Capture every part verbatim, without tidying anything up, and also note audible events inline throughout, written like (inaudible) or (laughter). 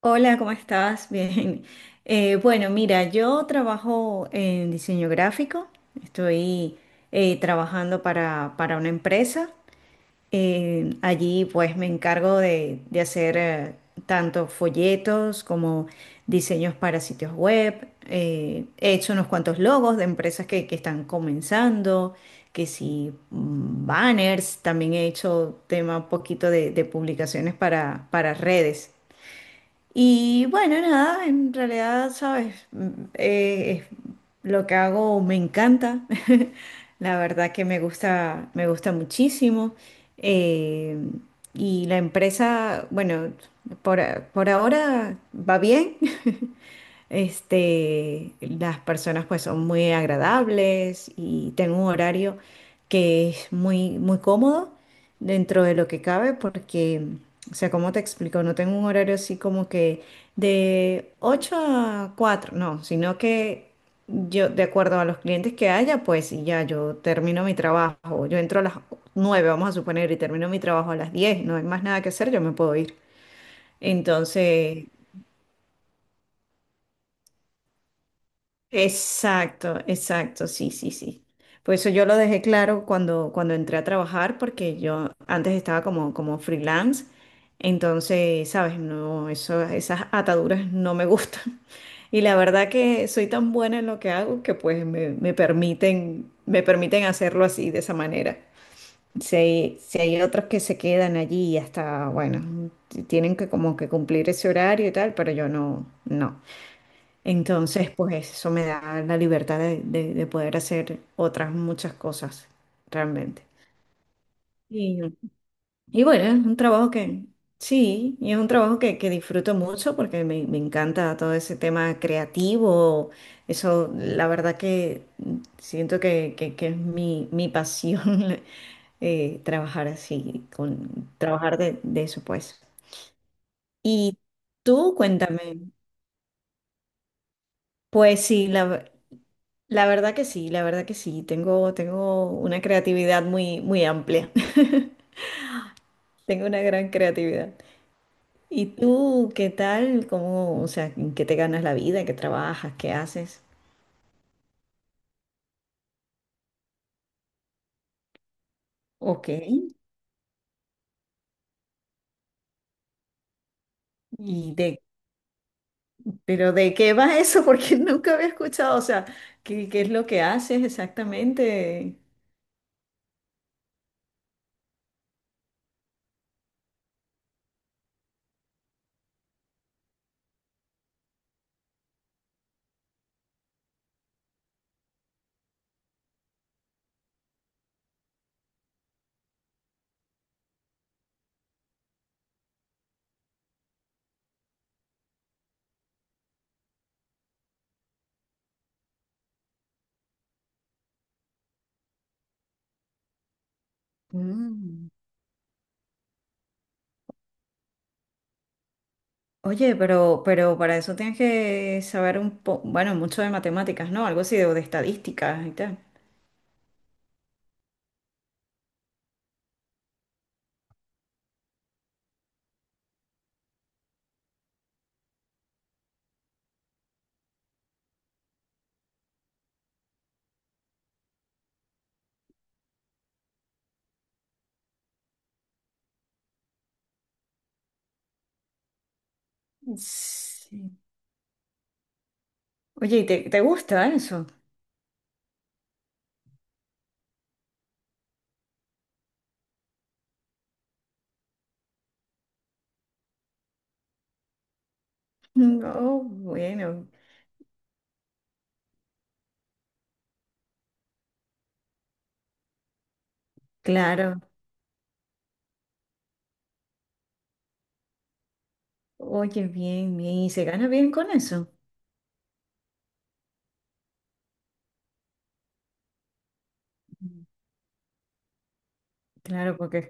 Hola, ¿cómo estás? (laughs) Bien. Eh, bueno, mira, yo trabajo en diseño gráfico. Estoy eh, trabajando para, para una empresa. Eh, allí pues me encargo de, de hacer eh, tanto folletos como diseños para sitios web. Eh, he hecho unos cuantos logos de empresas que, que están comenzando, que sí, mm, banners. También he hecho tema un poquito de, de publicaciones para, para redes. Y bueno, nada, en realidad, sabes, Mm, eh, es- lo que hago me encanta. (laughs) La verdad que me gusta, me gusta muchísimo. Eh, y la empresa, bueno, por, a- por ahora va bien. (laughs) Este, las personas pues son muy agradables y tengo un horario que es muy, muy cómodo dentro de lo que cabe porque, o sea, ¿cómo te explico? No tengo un horario así como que de ocho a cuatro, no, sino que yo, de acuerdo a los clientes que haya, pues y ya yo termino mi trabajo, yo entro a las nueve, vamos a suponer, y termino mi trabajo a las diez, no hay más nada que hacer, yo me puedo ir. Entonces, exacto, exacto, sí, sí, sí. Por eso yo lo dejé claro cuando, cuando entré a trabajar, porque yo antes estaba como, como freelance, entonces, sabes, no, eso, esas ataduras no me gustan. (laughs) Y la verdad que soy tan buena en lo que hago que pues me, me permiten, me permiten hacerlo así, de esa manera. Si hay, si hay otros que se quedan allí y hasta, bueno, t- tienen que como que cumplir ese horario y tal, pero yo no, no. Entonces, pues eso me da la libertad de, de- de poder hacer otras muchas cosas, realmente. Y, y bueno, es un trabajo que, sí, y es un trabajo que, que disfruto mucho porque me, me encanta todo ese tema creativo. Eso, la verdad que siento que, que- que es mi, mi pasión. (laughs) Eh, trabajar así, con, trabajar de, de eso, pues. Y tú, cuéntame. Pues sí, la, la verdad que sí, la verdad que sí. Tengo, tengo una creatividad muy, muy amplia. (laughs) Tengo una gran creatividad. ¿Y tú qué tal? ¿Cómo, o sea, en qué te ganas la vida? ¿Qué trabajas? ¿Qué haces? Ok. ¿Y de, pero de qué va eso? (laughs) Porque nunca había escuchado, o sea, ¿qué, qué es lo que haces exactamente? Mm. Oye, pero, pero para eso tienes que saber un poco, bueno, mucho de matemáticas, ¿no? Algo así de, o de estadísticas y tal. Sí. Oye, ¿y ¿te, te gusta eso? Mm. Oh, bueno, claro. Oye, bien, bien. ¿Y se gana bien con eso? Mm. Claro, porque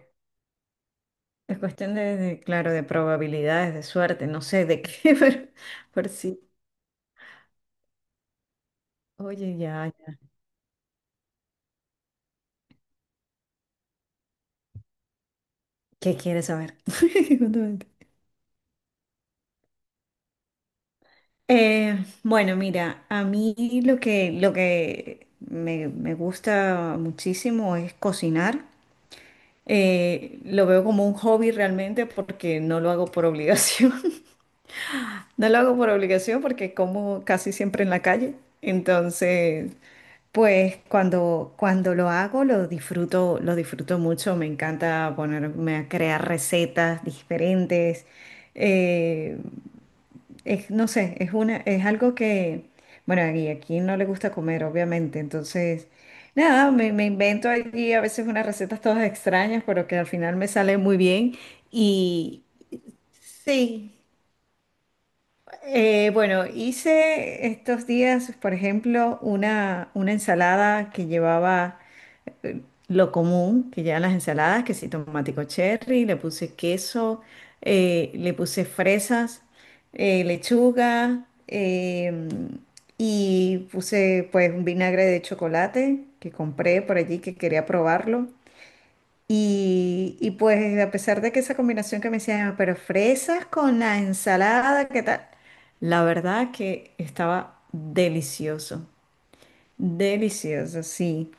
es cuestión de, de, claro, de probabilidades, de suerte, no sé de qué, (laughs) pero por sí. Oye, ya, ya. ¿Qué quieres saber? (laughs) Justamente. Eh, bueno, mira, a mí lo que, lo que me, me gusta muchísimo es cocinar. Eh, lo veo como un hobby realmente porque no lo hago por obligación. (laughs) No lo hago por obligación porque como casi siempre en la calle. Entonces, pues cuando, cuando lo hago lo disfruto, lo disfruto mucho. Me encanta ponerme a crear recetas diferentes. Eh, es- no sé, es una, es algo que, bueno, y aquí no le gusta comer, obviamente. Entonces, nada, me, me invento allí a veces unas recetas todas extrañas, pero que al final me salen muy bien. Y sí. Eh, bueno, hice estos días, por ejemplo, una, una ensalada que llevaba lo común, que llevan las ensaladas, que sí, tomatico cherry, le puse queso, eh, le puse fresas, eh, lechuga, eh, y puse pues un vinagre de chocolate que compré por allí que quería probarlo. Y, y pues a pesar de que esa combinación que me decían, "Ah, pero fresas con la ensalada, ¿qué tal?" La verdad que estaba delicioso, delicioso, sí.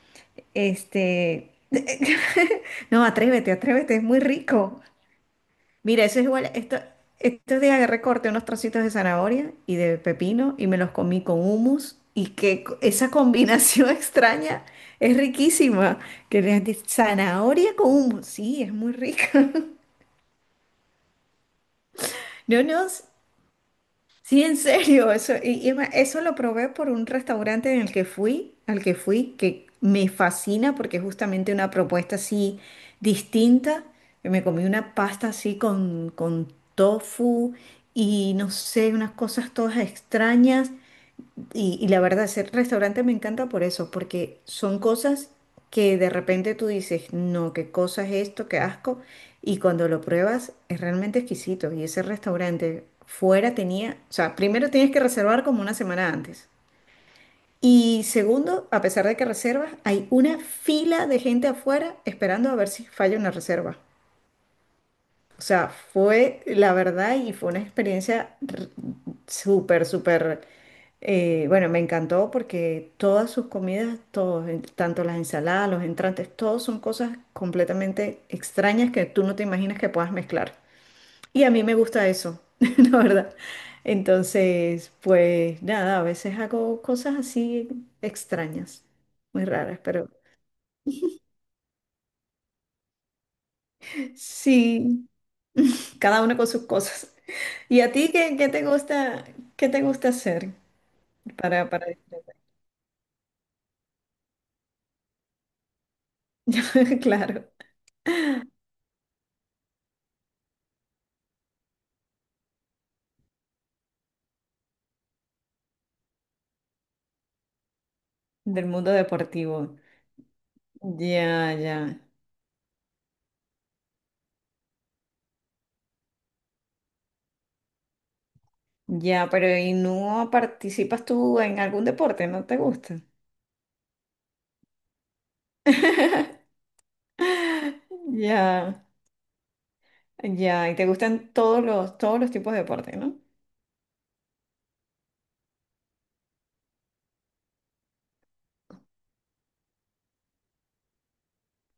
Este, (laughs) no, atrévete, atrévete, es muy rico. Mira, eso es igual, esto, estos días agarré, corté unos trocitos de zanahoria y de pepino y me los comí con hummus y que co- esa combinación (laughs) extraña es riquísima, que le de zanahoria con hummus, sí, es muy rica. (laughs) No, no, sí, en serio, eso, y, y es más, eso lo probé por un restaurante en el que fui, al que fui, que me fascina porque es justamente una propuesta así distinta. Me comí una pasta así con, con tofu y no sé, unas cosas todas extrañas. Y, y la verdad, ese restaurante me encanta por eso, porque son cosas que de repente tú dices, no, qué cosa es esto, qué asco, y cuando lo pruebas es realmente exquisito. Y ese restaurante fuera tenía, o sea, primero tienes que reservar como una semana antes. Y segundo, a pesar de que reservas, hay una fila de gente afuera esperando a ver si falla una reserva. O sea, fue la verdad y fue una experiencia r- súper, súper, eh, bueno, me encantó porque todas sus comidas, todos, en- tanto las ensaladas, los entrantes, todos son cosas completamente extrañas que tú no te imaginas que puedas mezclar. Y a mí me gusta eso, (laughs) la verdad. Entonces, pues nada, a veces hago cosas así extrañas, muy raras, pero sí. Cada uno con sus cosas. ¿Y a ti qué, qué te gusta, qué te gusta hacer para, para disfrutar? (laughs) Claro, del mundo deportivo. Ya, ya, ya, pero ¿y no participas tú en algún deporte? ¿No te gusta? Ya, ya, y te gustan todos los, todos los tipos de deporte, ¿no?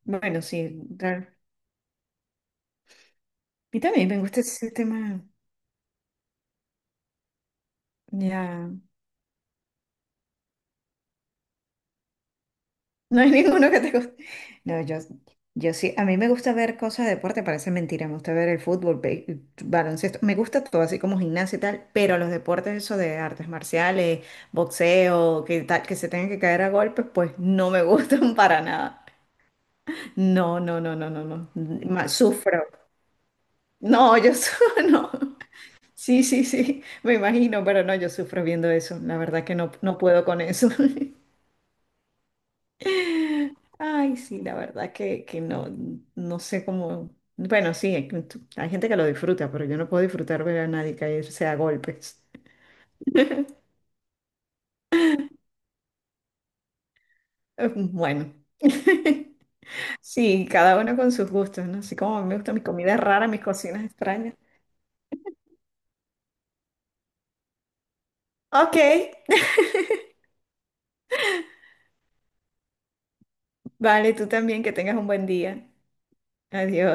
Bueno, sí, claro. Y también me gusta ese tema. Ya. ¿No hay (laughs) ninguno que te guste? No, yo, yo sí, a mí me gusta ver cosas de deporte, parece mentira, me gusta ver el fútbol, be- baloncesto, me gusta todo así como gimnasia y tal, pero los deportes eso de artes marciales, boxeo, que tal, que se tengan que caer a golpes, pues no me gustan (laughs) para nada. No, no, no, no, no, no. Ma- sufro. No, yo sufro, (laughs) no. Sí, sí, sí, me imagino, pero no, yo sufro viendo eso. La verdad que no, no puedo con eso. (laughs) Ay, sí, la verdad que, que no, no sé cómo. Bueno, sí, hay, hay gente que lo disfruta, pero yo no puedo disfrutar ver a nadie caerse a golpes. Eh, Bueno. (laughs) Sí, cada uno con sus gustos, ¿no? Así como a mí me gustan mis comidas raras, mis cocinas extrañas. Ok. (laughs) Vale, tú también, que tengas un buen día. Adiós.